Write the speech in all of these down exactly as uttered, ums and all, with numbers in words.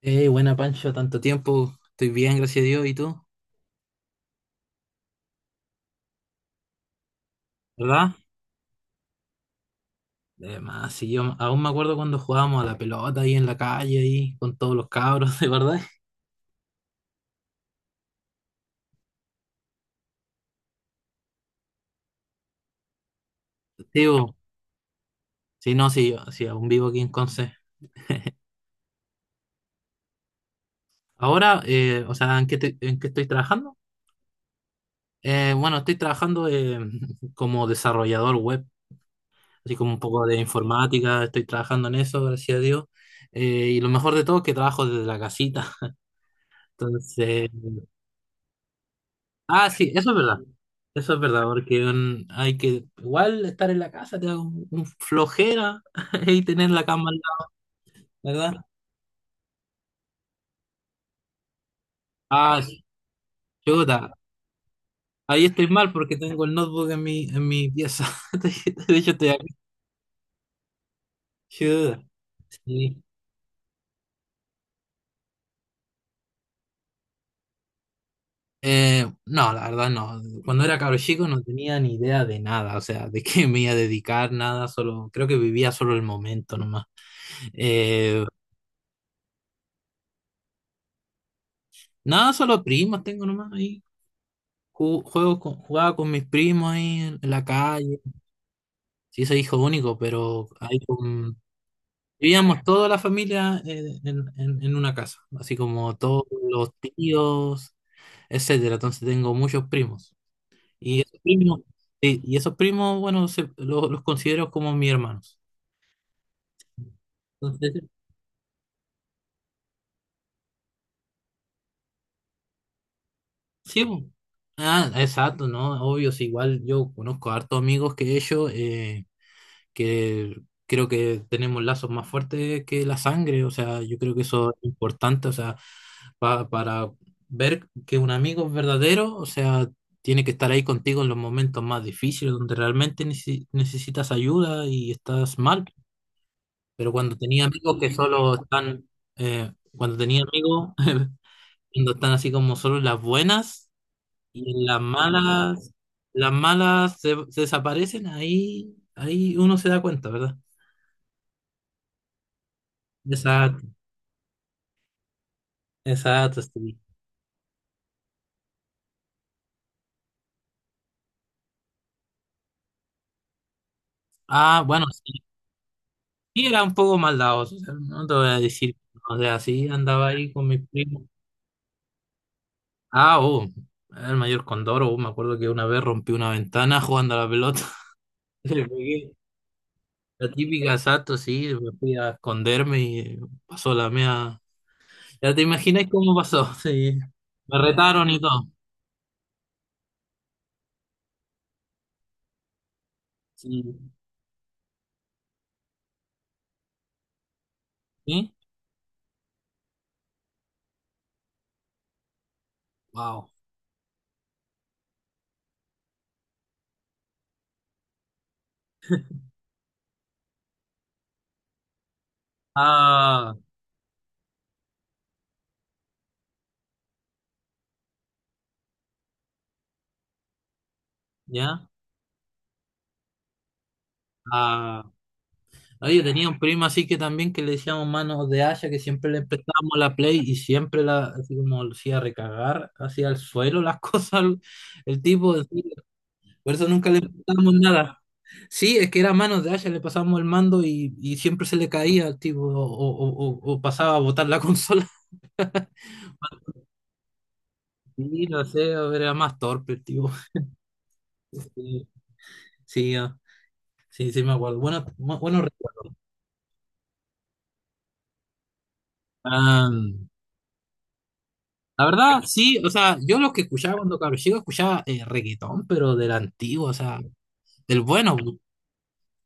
Eh, buena, Pancho, tanto tiempo, estoy bien, gracias a Dios, ¿y tú? ¿Verdad? Además, sí, yo aún me acuerdo cuando jugábamos a la pelota ahí en la calle, ahí con todos los cabros, de verdad. Sí, bo, sí, no, sí, yo- sí, aún vivo aquí en Conce. Ahora, eh, o sea, ¿en qué, te- en qué estoy trabajando? Eh, bueno, estoy trabajando, eh, como desarrollador web, así como un poco de informática, estoy trabajando en eso, gracias a Dios. Eh, y lo mejor de todo es que trabajo desde la casita, entonces. Ah, sí, eso es verdad. Eso es verdad, porque mm, hay que igual estar en la casa, te da un, un flojera y tener la cama al lado, ¿verdad? Ah, sí, chuta. Ahí estoy mal porque tengo el notebook en mi, en mi pieza. De hecho, estoy aquí. Chuta, sí. Eh, no, la verdad no. Cuando era cabro chico no tenía ni idea de nada, o sea, de qué me iba a dedicar, nada, solo, creo que vivía solo el momento nomás. Eh, Nada, solo primos tengo nomás ahí. Ju- juego con- jugaba con mis primos ahí en en la calle. Sí, soy hijo único, pero ahí con- vivíamos toda la familia, eh, en, en- en una casa, así como todos los tíos, etcétera. Entonces tengo muchos primos. Y esos primos, sí, y esos primos, bueno, se- lo- los considero como mis hermanos. Entonces, sí, po. Ah, exacto, ¿no? Obvio, sí, igual yo conozco a hartos amigos que he hecho, que creo que tenemos lazos más fuertes que la sangre. O sea, yo creo que eso es importante. O sea, pa- para ver que un amigo es verdadero, o sea, tiene que estar ahí contigo en los momentos más difíciles, donde realmente necesi- necesitas ayuda y estás mal. Pero cuando tenía amigos que solo están, eh, cuando tenía amigos, cuando están así como solo en las buenas y en las malas, las malas se, se desaparecen. Ahí, ahí uno se da cuenta, ¿verdad? Exacto. Exacto, sí. Ah, bueno, sí, sí era un poco maldadoso, o sea, no te voy a decir, o sea, sí andaba ahí con mis primos. Ah, oh, el mayor Condoro. Oh, me acuerdo que una vez rompí una ventana jugando a la pelota. Le pegué la típica, exacto, sí. Me fui a esconderme y pasó la mía. Ya te imagináis cómo pasó, sí. Me retaron y todo. Sí. ¿Sí? Wow. Ah, ya. Ah. No, yo tenía un primo así que también que le decíamos manos de haya, que siempre le empezábamos la play y siempre la, así como lo hacía recagar, hacía al suelo las cosas, el, el tipo, así, por eso nunca le empezábamos nada. Sí, es que era manos de haya. Le pasábamos el mando y, y siempre se le caía al tipo, o, o- o- o pasaba a botar la consola. Sí, no sé, era más torpe el tipo. Sí, sí, ah, sí, sí me acuerdo. Bueno, bu- buenos recuerdos. Ah. La verdad, sí, o sea, yo lo que escuchaba cuando cabro chico escuchaba, eh, reggaetón, pero del antiguo, o sea, del bueno.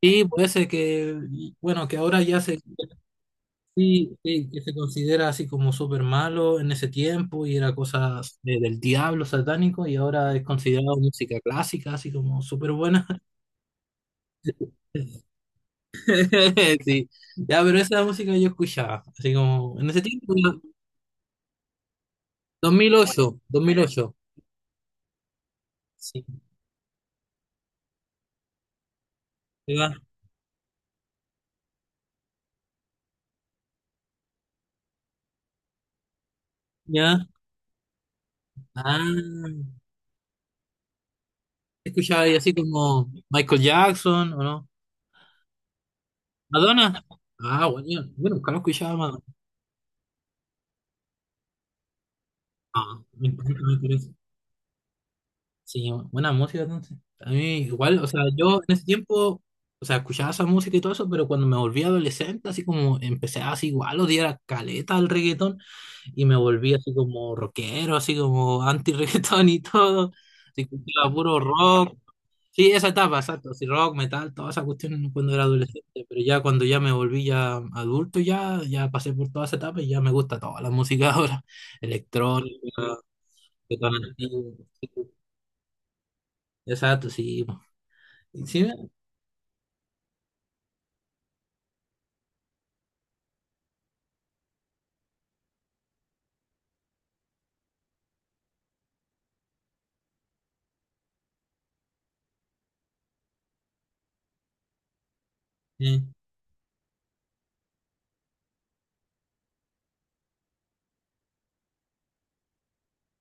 Y puede ser que, bueno, que ahora ya se, sí, sí, que se considera así como súper malo en ese tiempo y era cosas de- del diablo satánico, y ahora es considerado música clásica, así como súper buena. Sí, ya, pero esa música yo escuchaba, así como en ese tiempo, dos mil ocho, dos mil ocho. Sí, ¿verdad? ¿Ya? Ah. Escuchaba ahí así como Michael Jackson, ¿o no? ¿Madonna? Ah, bueno, bueno, nunca lo escuchaba Madonna. Ah, me encanta Michael Jackson. Sí, buena música entonces. A mí igual, o sea, yo en ese tiempo, o sea, escuchaba esa música y todo eso, pero cuando me volví adolescente, así como empecé así igual, odiar caleta al reggaetón, y me volví así como rockero, así como anti-reggaetón y todo. Así que escuchaba puro rock. Sí, esa etapa, exacto. Si rock, metal, todas esas cuestiones no cuando era adolescente, pero ya cuando ya me volví ya adulto, ya, ya pasé por toda esa etapa y ya me gusta toda la música ahora, electrónica, que tan antigua. Exacto, sí, po. Y sí, eh,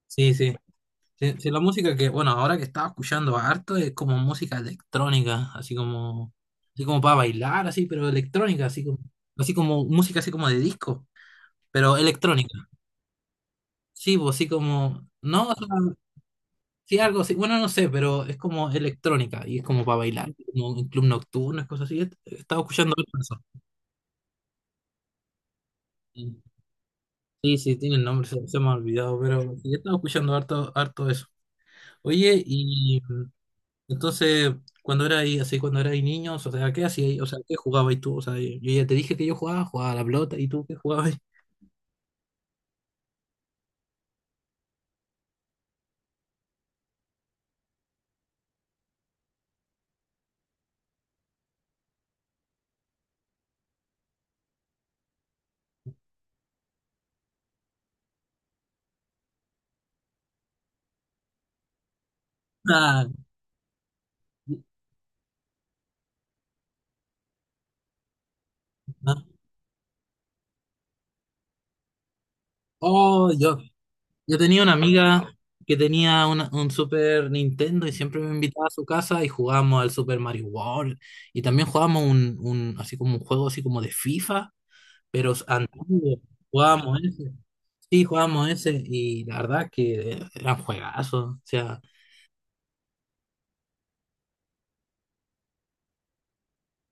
sí, sí. Sí, sí, la música que, bueno, ahora que estaba escuchando harto es como música electrónica, así como, así como para bailar, así, pero electrónica, así como, así como música así como de disco, pero electrónica. Sí, pues así como, no, o sea, sí, algo así. Bueno, no sé, pero es como electrónica y es como para bailar, como en club nocturno, es cosas así. Est- Estaba escuchando harto eso. Sí, sí, tiene el nombre, se, se me ha olvidado, pero sí, estaba escuchando harto, harto eso. Oye, y mm, entonces, cuando era ahí, así, cuando era ahí niños, o sea, ¿qué hacías? O sea, ¿qué jugabas tú? O sea, yo ya te dije que yo jugaba, jugaba a la pelota, ¿y tú qué jugabas? Ah, ah. Oh, yo, Yo tenía una amiga que tenía una- un Super Nintendo y siempre me invitaba a su casa y jugábamos al Super Mario World, y también jugábamos un, un- así como un juego así como de FIFA, pero antiguo, jugábamos ese. Sí, jugábamos ese y la verdad que eran juegazos, o sea,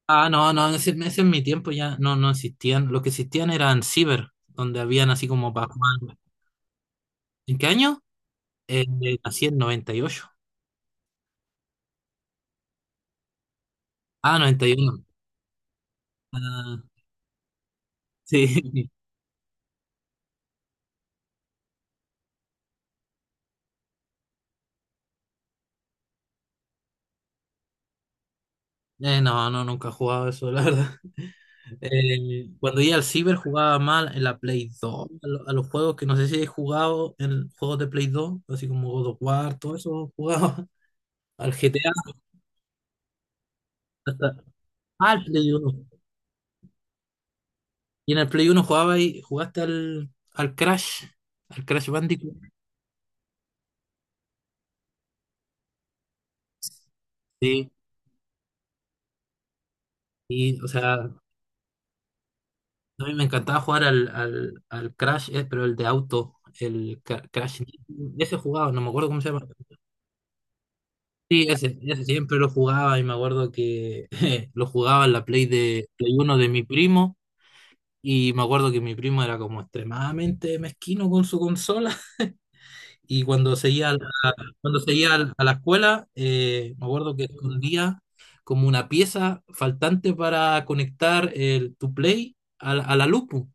ah, no, no, ese, ese en mi tiempo ya no no existían. Lo que existían eran Ciber, donde habían así como para jugar. ¿En qué año? Eh, Nací en noventa y ocho. Ah, noventa y uno. Ah, sí. Eh, no, no, nunca he jugado eso, la verdad. Eh, cuando iba al ciber jugaba mal en la Play dos, a, lo- a los juegos que no sé si he jugado en juegos de Play dos, así como God of War, todo eso jugaba. Al G T A, hasta, ah, al Play uno. Y en el Play uno jugaba y jugaste al, al Crash, al Crash Bandicoot. Sí, y o sea, a mí me encantaba jugar al, al, al Crash, eh, pero el de auto, el Ca- Crash. Ese jugaba, no me acuerdo cómo se llama. Sí, ese, ese siempre lo jugaba y me acuerdo que lo jugaba en la Play de Play uno de mi primo, y me acuerdo que mi primo era como extremadamente mezquino con su consola y cuando seguía a la, cuando seguía al- a la escuela, eh, me acuerdo que escondía como una pieza faltante para conectar el, tu Play a, la a la luz, pu.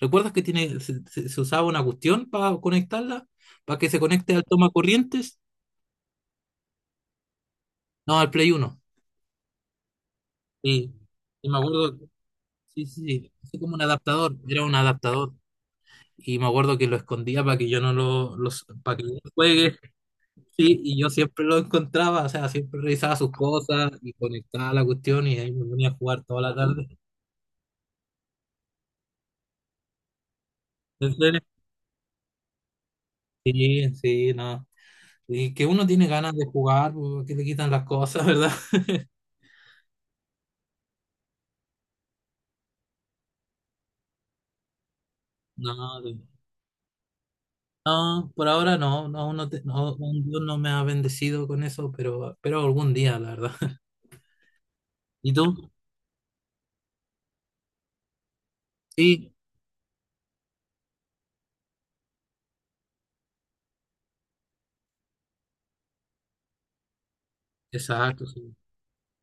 ¿Recuerdas que tiene, se, se- se usaba una cuestión para conectarla? Para que se conecte al toma corrientes. No, al Play uno. Sí. Y me acuerdo, sí, sí, sí, fue como un adaptador, era un adaptador. Y me acuerdo que lo escondía para que yo no lo, los, para que no juegue. Sí, y yo siempre lo encontraba, o sea, siempre revisaba sus cosas y conectaba la cuestión, y ahí me ponía a jugar toda la tarde. ¿En serio? Sí, sí, no. Y que uno tiene ganas de jugar porque le quitan las cosas, ¿verdad? No, de- no, por ahora no, no, uno te- no, un Dios no me ha bendecido con eso, pero, pero algún día, la verdad. ¿Y tú? Sí, exacto, sí.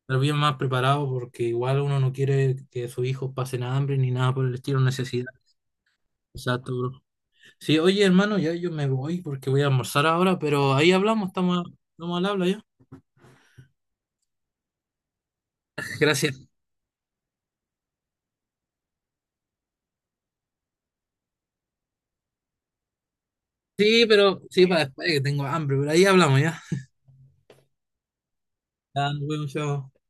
Pero bien más preparado porque igual uno no quiere que sus hijos pasen hambre ni nada por el estilo, necesidad. Exacto, bro. Sí, oye, hermano, ya yo me voy porque voy a almorzar ahora, pero ahí hablamos, estamos, estamos al habla ya. Gracias. Sí, pero sí, para después que tengo hambre, pero ahí hablamos ya. Ya, nos vemos, chao.